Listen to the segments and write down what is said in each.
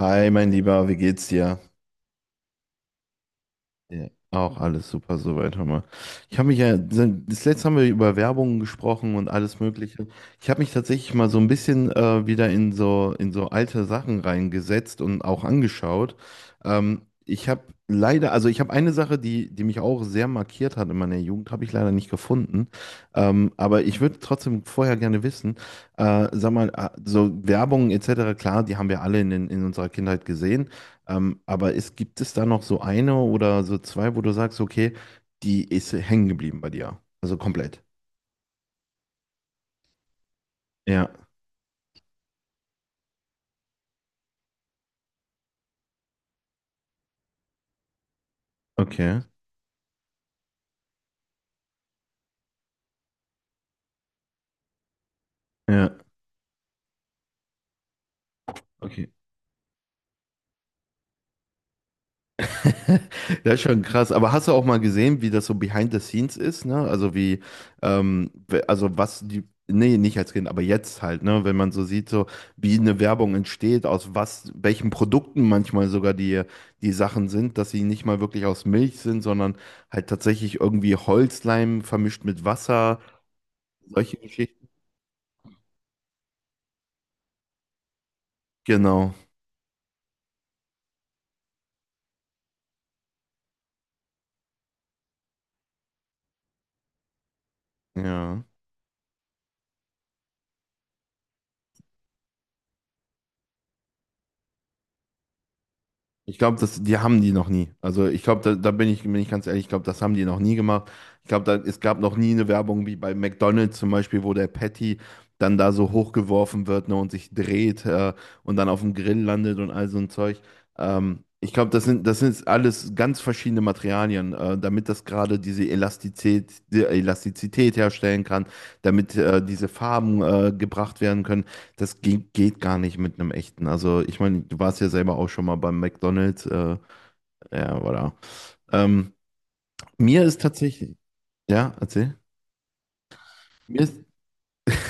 Hi, mein Lieber, wie geht's dir? Ja, auch alles super soweit, hör mal. Ich habe mich ja, das letzte haben wir über Werbungen gesprochen und alles Mögliche. Ich habe mich tatsächlich mal so ein bisschen wieder in so alte Sachen reingesetzt und auch angeschaut. Ich habe leider, also ich habe eine Sache, die mich auch sehr markiert hat in meiner Jugend, habe ich leider nicht gefunden. Aber ich würde trotzdem vorher gerne wissen, sag mal, so Werbung etc., klar, die haben wir alle in unserer Kindheit gesehen. Gibt es da noch so eine oder so zwei, wo du sagst, okay, die ist hängen geblieben bei dir? Also komplett. Ja, okay. Ja, okay. Das ist schon krass. Aber hast du auch mal gesehen, wie das so behind the scenes ist, ne? Also wie, also was die, nee, nicht als Kind, aber jetzt halt, ne? Wenn man so sieht, so wie eine Werbung entsteht, aus was, welchen Produkten manchmal sogar die Sachen sind, dass sie nicht mal wirklich aus Milch sind, sondern halt tatsächlich irgendwie Holzleim vermischt mit Wasser, solche Geschichten. Genau. Ja. Ich glaube, das, die haben die noch nie. Also ich glaube, da bin ich ganz ehrlich, ich glaube, das haben die noch nie gemacht. Ich glaube, da, es gab noch nie eine Werbung wie bei McDonald's zum Beispiel, wo der Patty dann da so hochgeworfen wird, ne, und sich dreht, und dann auf dem Grill landet und all so ein Zeug. Ich glaube, das sind alles ganz verschiedene Materialien, damit das gerade diese Elastizität, die Elastizität herstellen kann, damit diese Farben gebracht werden können. Das geht gar nicht mit einem echten. Also, ich meine, du warst ja selber auch schon mal beim McDonald's. Ja, voilà. Ähm, Mir ist tatsächlich, ja, erzähl. Mir ist,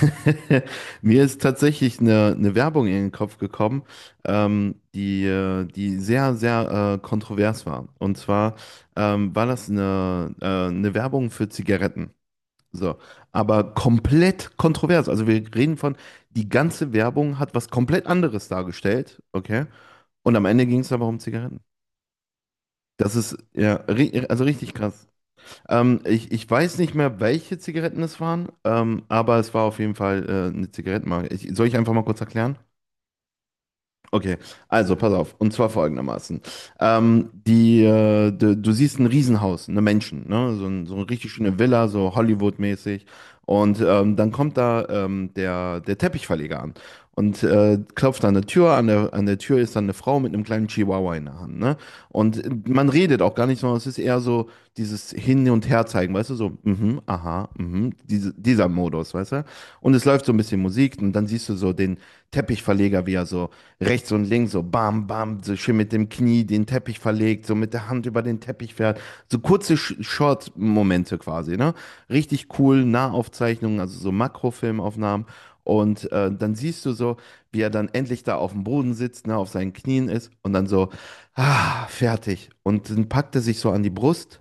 mir ist tatsächlich eine Werbung in den Kopf gekommen, die sehr, sehr kontrovers war. Und zwar war das eine Werbung für Zigaretten. So, aber komplett kontrovers. Also wir reden von, die ganze Werbung hat was komplett anderes dargestellt, okay? Und am Ende ging es aber um Zigaretten. Das ist ja ri also richtig krass. Ich weiß nicht mehr, welche Zigaretten es waren, aber es war auf jeden Fall eine Zigarettenmarke. Soll ich einfach mal kurz erklären? Okay, also pass auf. Und zwar folgendermaßen. Du siehst ein Riesenhaus, eine Menschen, ne? So, so eine richtig schöne Villa, so Hollywood-mäßig. Und dann kommt da der Teppichverleger an und klopft an der Tür. An der Tür ist dann eine Frau mit einem kleinen Chihuahua in der Hand, ne? Und man redet auch gar nicht, sondern es ist eher so dieses Hin- und Herzeigen, weißt du? So, mhm, aha, mhm, dieser Modus, weißt du? Und es läuft so ein bisschen Musik und dann siehst du so den Teppichverleger, wie er so rechts und links so bam, bam, so schön mit dem Knie den Teppich verlegt, so mit der Hand über den Teppich fährt. So kurze Short-Momente quasi, ne? Richtig cool, Nahaufzeichnungen, also so Makrofilmaufnahmen. Und dann siehst du so, wie er dann endlich da auf dem Boden sitzt, ne, auf seinen Knien ist und dann so, ah, fertig. Und dann packt er sich so an die Brust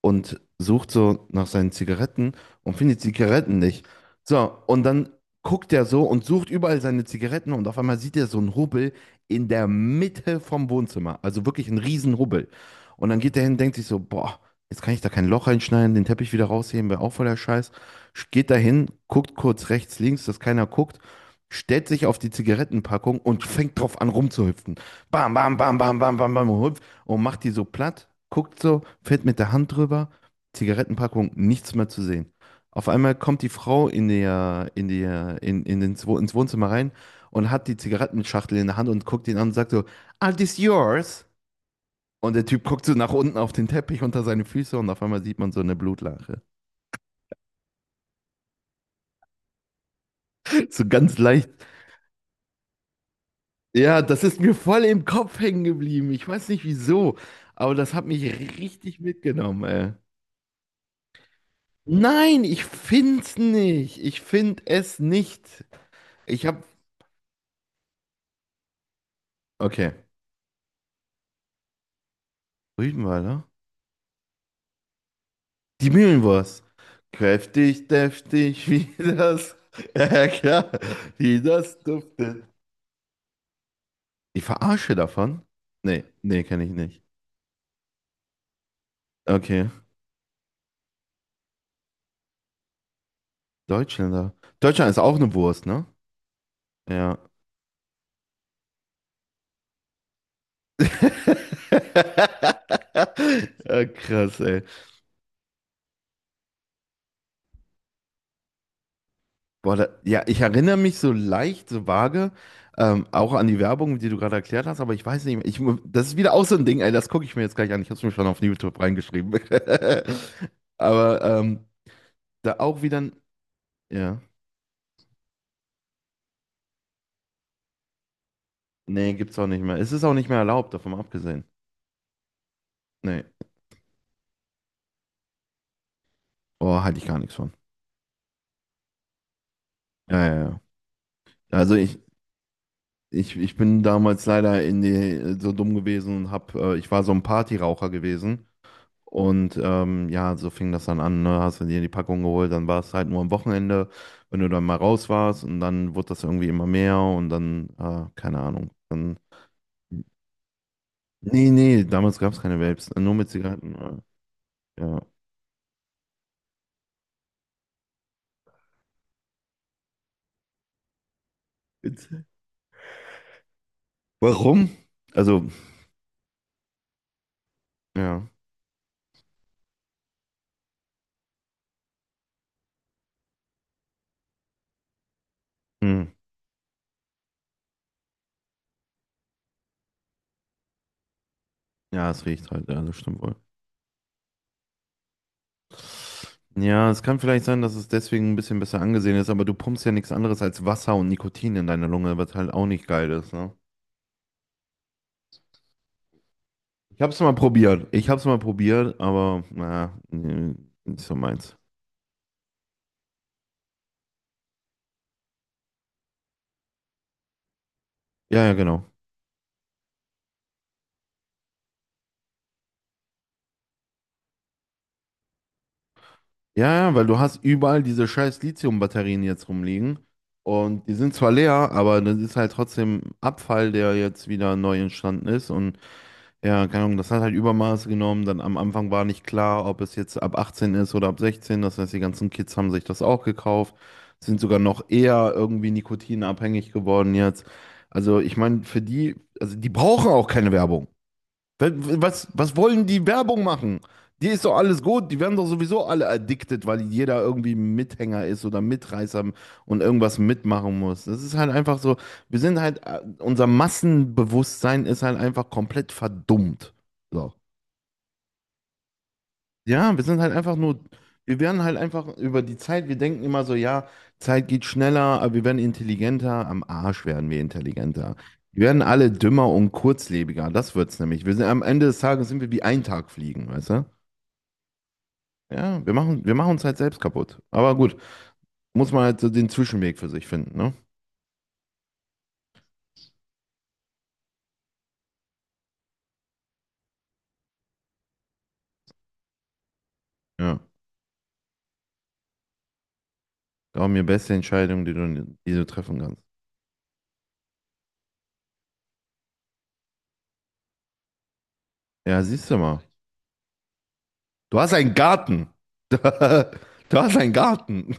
und sucht so nach seinen Zigaretten und findet Zigaretten nicht. So, und dann guckt er so und sucht überall seine Zigaretten und auf einmal sieht er so einen Hubbel in der Mitte vom Wohnzimmer. Also wirklich einen riesen Hubbel. Und dann geht er hin, und denkt sich so, boah, jetzt kann ich da kein Loch reinschneiden, den Teppich wieder rausheben, wäre auch voller Scheiß. Geht da hin, guckt kurz rechts, links, dass keiner guckt. Stellt sich auf die Zigarettenpackung und fängt drauf an rumzuhüpfen. Bam, bam, bam, bam, bam, bam, bam und macht die so platt, guckt so, fährt mit der Hand drüber, Zigarettenpackung, nichts mehr zu sehen. Auf einmal kommt die Frau in der, in der, in den, Zwo- ins Wohnzimmer rein und hat die Zigarettenschachtel in der Hand und guckt ihn an und sagt so, Are this yours? Und der Typ guckt so nach unten auf den Teppich unter seine Füße und auf einmal sieht man so eine Blutlache. So ganz leicht. Ja, das ist mir voll im Kopf hängen geblieben. Ich weiß nicht wieso, aber das hat mich richtig mitgenommen, ey. Nein, ich find's nicht. Ich find es nicht. Ich hab. Okay. Rügenwalder? Die Mühlenwurst. Kräftig, deftig, wie das. Ja, klar. Wie das duftet. Die Verarsche davon? Nee, nee, kenne ich nicht. Okay. Deutschländer. Deutschland ist auch eine Wurst, ne? Ja. Ja, krass, ey. Boah, da, ja, ich erinnere mich so leicht, so vage, auch an die Werbung, die du gerade erklärt hast, aber ich weiß nicht mehr. Das ist wieder auch so ein Ding, ey, das gucke ich mir jetzt gleich an. Ich habe es mir schon auf YouTube reingeschrieben. Aber da auch wieder ein. Ja. Nee, gibt's auch nicht mehr. Es ist auch nicht mehr erlaubt, davon mal abgesehen. Nee. Oh, halte ich gar nichts von. Ja, ja, ja. Also ich bin damals leider so dumm gewesen und ich war so ein Partyraucher gewesen. Und ja, so fing das dann an, ne? Hast du dir die Packung geholt, dann war es halt nur am Wochenende, wenn du dann mal raus warst und dann wurde das irgendwie immer mehr und dann, keine Ahnung. Nee, nee, damals gab es keine Vapes, nur mit Zigaretten. Ja. Witzig. Warum? Also, ja. Hm. Ja, es riecht halt, ja, das stimmt wohl. Ja, es kann vielleicht sein, dass es deswegen ein bisschen besser angesehen ist, aber du pumpst ja nichts anderes als Wasser und Nikotin in deine Lunge, was halt auch nicht geil ist, ne? Ich hab's mal probiert. Ich hab's mal probiert, aber naja, nee, nicht so meins. Ja, ja, genau. Ja, ja, weil du hast überall diese scheiß Lithium-Batterien jetzt rumliegen. Und die sind zwar leer, aber das ist halt trotzdem Abfall, der jetzt wieder neu entstanden ist. Und ja, keine Ahnung, das hat halt Übermaß genommen. Dann am Anfang war nicht klar, ob es jetzt ab 18 ist oder ab 16. Das heißt, die ganzen Kids haben sich das auch gekauft, sind sogar noch eher irgendwie nikotinabhängig geworden jetzt. Also ich meine, für die, also die brauchen auch keine Werbung. Was wollen die Werbung machen? Die ist doch alles gut, die werden doch sowieso alle addicted, weil jeder irgendwie ein Mithänger ist oder Mitreißer und irgendwas mitmachen muss. Das ist halt einfach so, unser Massenbewusstsein ist halt einfach komplett verdummt. So. Ja, wir sind halt einfach nur, wir werden halt einfach über die Zeit, wir denken immer so, ja, Zeit geht schneller, aber wir werden intelligenter, am Arsch werden wir intelligenter. Wir werden alle dümmer und kurzlebiger, das wird's nämlich. Wir sind, am Ende des Tages sind wir wie ein Tag fliegen, weißt du? Ja, wir machen uns halt selbst kaputt. Aber gut, muss man halt so den Zwischenweg für sich finden, ne? Ja, glaub mir, beste Entscheidung, die du treffen kannst. Ja, siehst du mal, du hast einen Garten. Du hast einen Garten.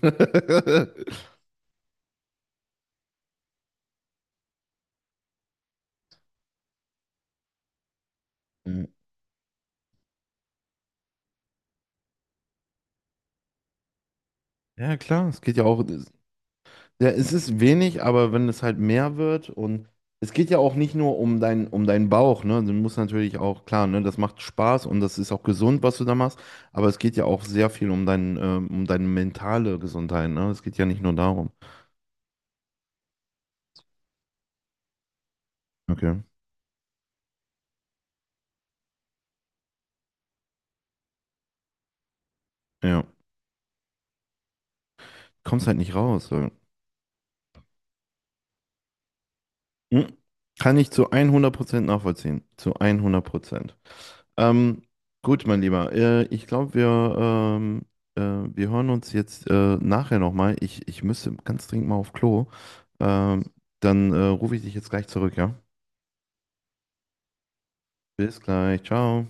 Ja, klar, es geht ja auch, ja, es ist wenig, aber wenn es halt mehr wird und es geht ja auch nicht nur um deinen Bauch, ne? Du musst natürlich auch, klar, ne, das macht Spaß und das ist auch gesund, was du da machst, aber es geht ja auch sehr viel um deine mentale Gesundheit, ne? Es geht ja nicht nur darum. Okay. Ja. Kommst halt nicht raus. So. Hm. Kann ich zu 100% nachvollziehen. Zu 100%. Ähm, gut, mein Lieber, ich glaube, ähm, wir hören uns jetzt nachher nochmal. Ich müsste ganz dringend mal auf Klo. Ähm, Dann rufe ich dich jetzt gleich zurück, ja? Bis gleich, ciao.